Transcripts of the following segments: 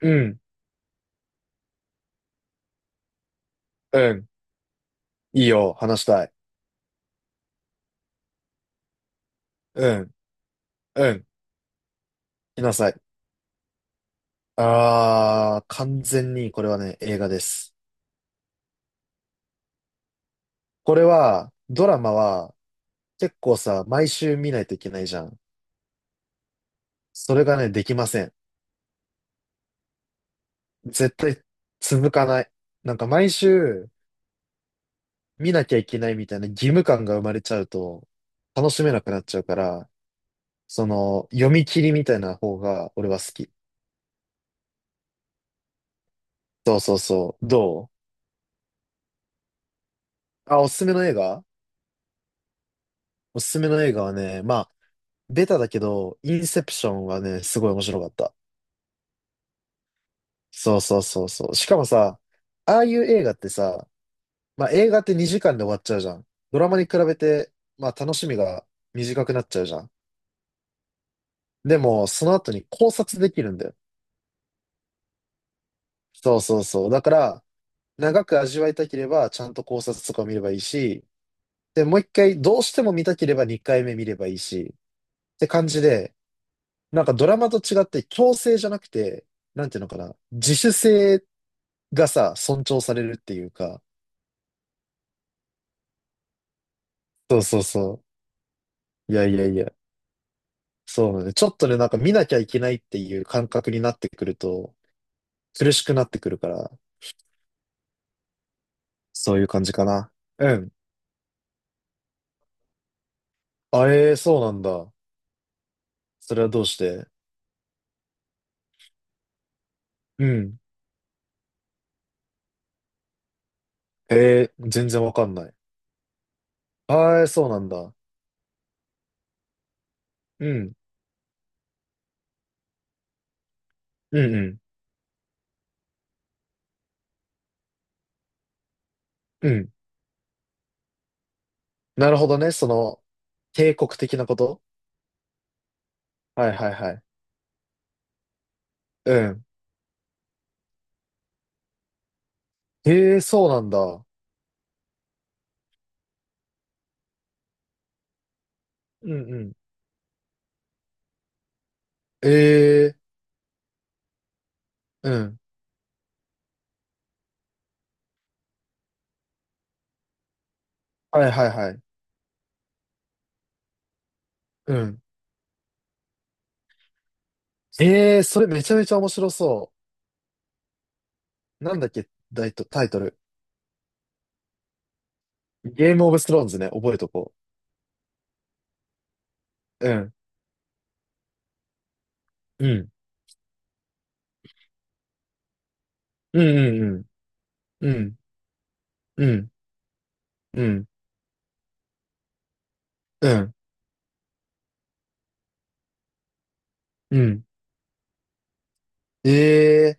うん、うん。いいよ、話したい。うん、うん。来なさい。あー、完全にこれはね、映画です。これは、ドラマは結構さ、毎週見ないといけないじゃん。それがね、できません。絶対続かない。なんか毎週見なきゃいけないみたいな義務感が生まれちゃうと、楽しめなくなっちゃうから、その、読み切りみたいな方が俺は好き。そうそうそう。どうあ、おすすめの映画、おすすめの映画はね、まあ、ベタだけど、インセプションはね、すごい面白かった。そうそうそうそう。しかもさ、ああいう映画ってさ、まあ映画って2時間で終わっちゃうじゃん。ドラマに比べて、まあ楽しみが短くなっちゃうじゃん。でも、その後に考察できるんだよ。そうそうそう。だから、長く味わいたければ、ちゃんと考察とかを見ればいいし、で、もう一回、どうしても見たければ2回目見ればいいし、って感じで、なんかドラマと違って強制じゃなくて、なんていうのかな、自主性がさ、尊重されるっていうか、そうそうそう。いやいやいや。そうなのね。ちょっとね、なんか見なきゃいけないっていう感覚になってくると、苦しくなってくるから、そういう感じかな。うん。あえ、そうなんだ。それはどうして。うん。えー、全然わかんない。あえ、そうなんだ。うん。うんうん。うん。なるほどね。その、帝国的なこと。はいはいはい。うん。えー、そうなんだ。うんうん。えー、うん。はいはいはい。うん。ええ、それめちゃめちゃ面白そう。なんだっけ、タイトル。ゲームオブスローンズね、覚えとこう。うん。うん。うんうんうん。うん。うん。うん。うん。ええ、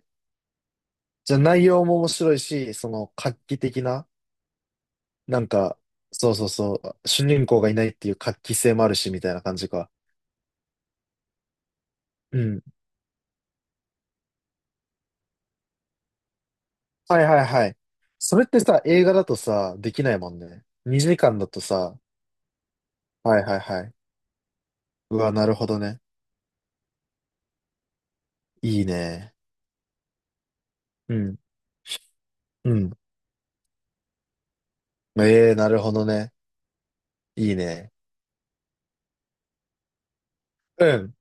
じゃあ内容も面白いし、その画期的な、なんか、そうそうそう、主人公がいないっていう画期性もあるし、みたいな感じか。うん。はいはいはい。それってさ、映画だとさ、できないもんね。2時間だとさ、はいはいはい。うわ、なるほどね。いいね。うん。うん。ええ、なるほどね。いいね。うん、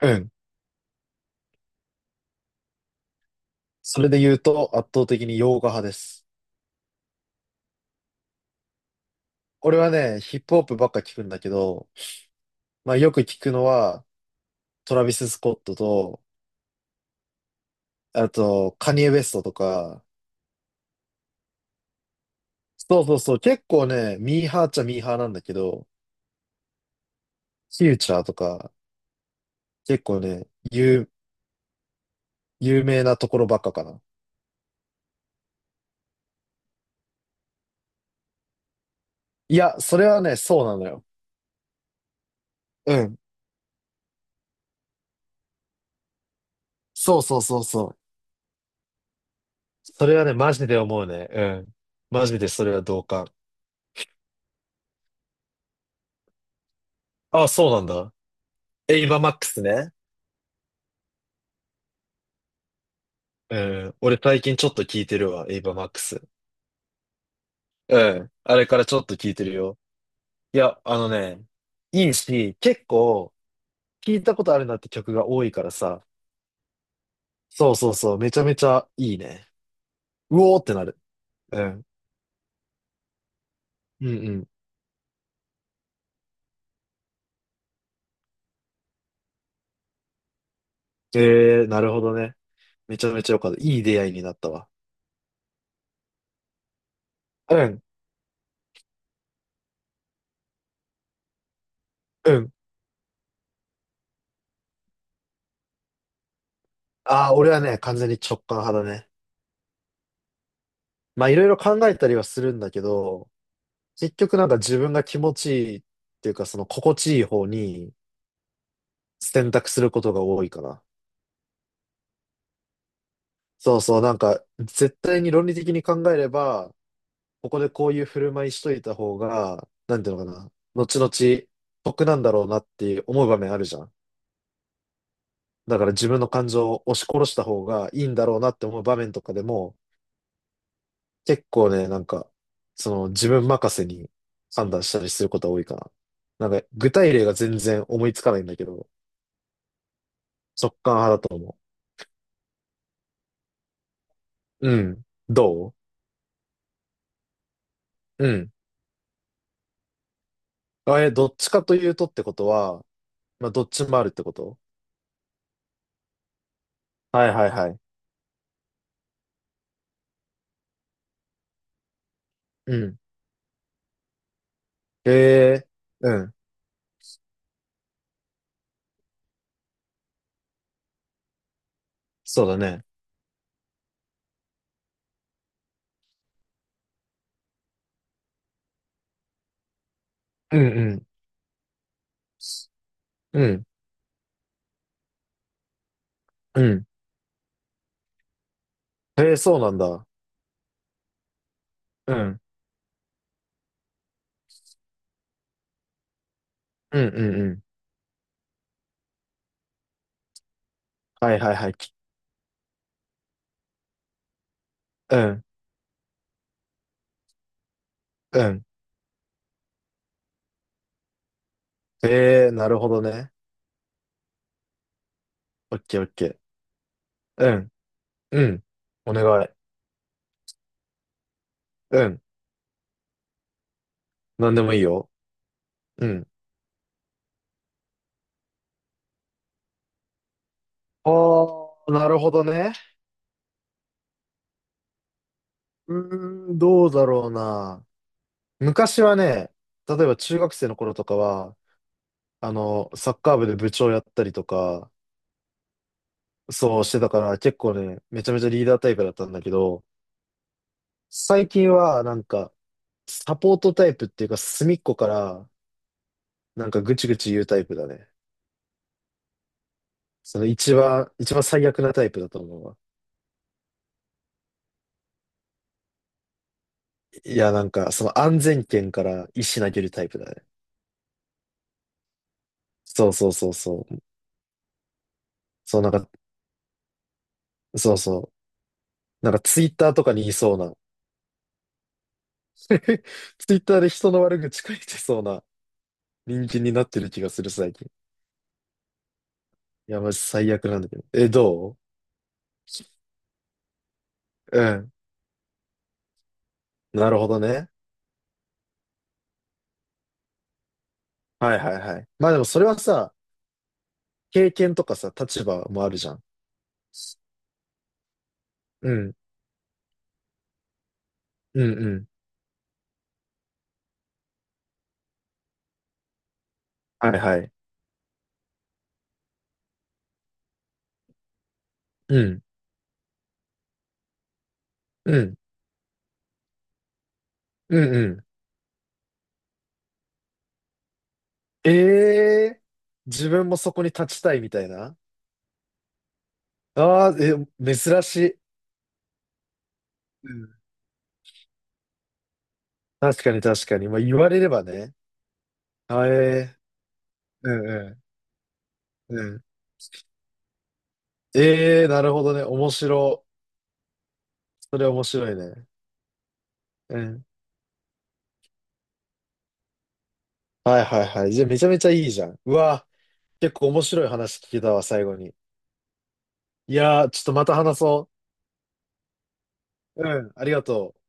うん。それで言うと、圧倒的に洋画派です。俺はね、ヒップホップばっか聞くんだけど、まあよく聞くのは、トラビス・スコットと、あと、カニエ・ウェストとか、そうそうそう、結構ね、ミーハーっちゃミーハーなんだけど、フューチャーとか、結構ね、有、有名なところばっかかな。いや、それはね、そうなのよ。うん。そうそうそうそう。それはね、マジで思うね。うん。マジでそれは同感。あ、そうなんだ。エイバーマックスね。うん。俺最近ちょっと聞いてるわ、エイバーマックス。うん。あれからちょっと聞いてるよ。いや、あのね、いいし、結構、聞いたことあるなって曲が多いからさ。そうそうそう、めちゃめちゃいいね。うおーってなる。うん。うんうん。えー、なるほどね。めちゃめちゃよかった。いい出会いになったわ。うん。うん。ああ、俺はね、完全に直感派だね。まあ、いろいろ考えたりはするんだけど、結局なんか自分が気持ちいいっていうか、その心地いい方に、選択することが多いかな。そうそう、なんか、絶対に論理的に考えれば、ここでこういう振る舞いしといた方が、なんていうのかな、後々、得なんだろうなって思う場面あるじゃん。だから自分の感情を押し殺した方がいいんだろうなって思う場面とかでも、結構ね、なんか、その自分任せに判断したりすることが多いかな。なんか、具体例が全然思いつかないんだけど、直感派だと思う。うん。どう、うん。あれ、どっちかというとってことは、まあ、どっちもあるってこと。はいはいはい。うん。へえ、うん。そうだね。うんうん。うん。うん。へえ、そうなんだ。うん。うんうんうん。はいはいはい。うん。うん。へえ、なるほどね。オッケーオッケー。うん。うん。お願い。うん。なんでもいいよ。うん。ああ、なるほどね。うーん、どうだろうな。昔はね、例えば中学生の頃とかは、あの、サッカー部で部長やったりとか、そうしてたから結構ね、めちゃめちゃリーダータイプだったんだけど、最近はなんかサポートタイプっていうか隅っこからなんかぐちぐち言うタイプだね。その一番最悪なタイプだと思うわ。いやなんかその安全圏から石投げるタイプだね。そうそうそうそう。そうなんか、そうそう。なんかツイッターとかにいそうな。ツイッターで人の悪口書いてそうな人間になってる気がする最近。いや、マジ最悪なんだけど。え、どう、うん。なるほどね。はいはいはい。まあでもそれはさ、経験とかさ、立場もあるじゃん。うん、うん、うん。はいはい。うん、うん、うん、うん。ええー、自分もそこに立ちたいみたいな。ああ、え、珍しい。うん。確かに確かに。まあ言われればね。あえ、え、うんうん、うん。ええー、なるほどね。面白。それ面白いね。うん。はいはいはい。じゃあめちゃめちゃいいじゃん。うわ、結構面白い話聞けたわ、最後に。いやー、ちょっとまた話そう。うん、ありがとう。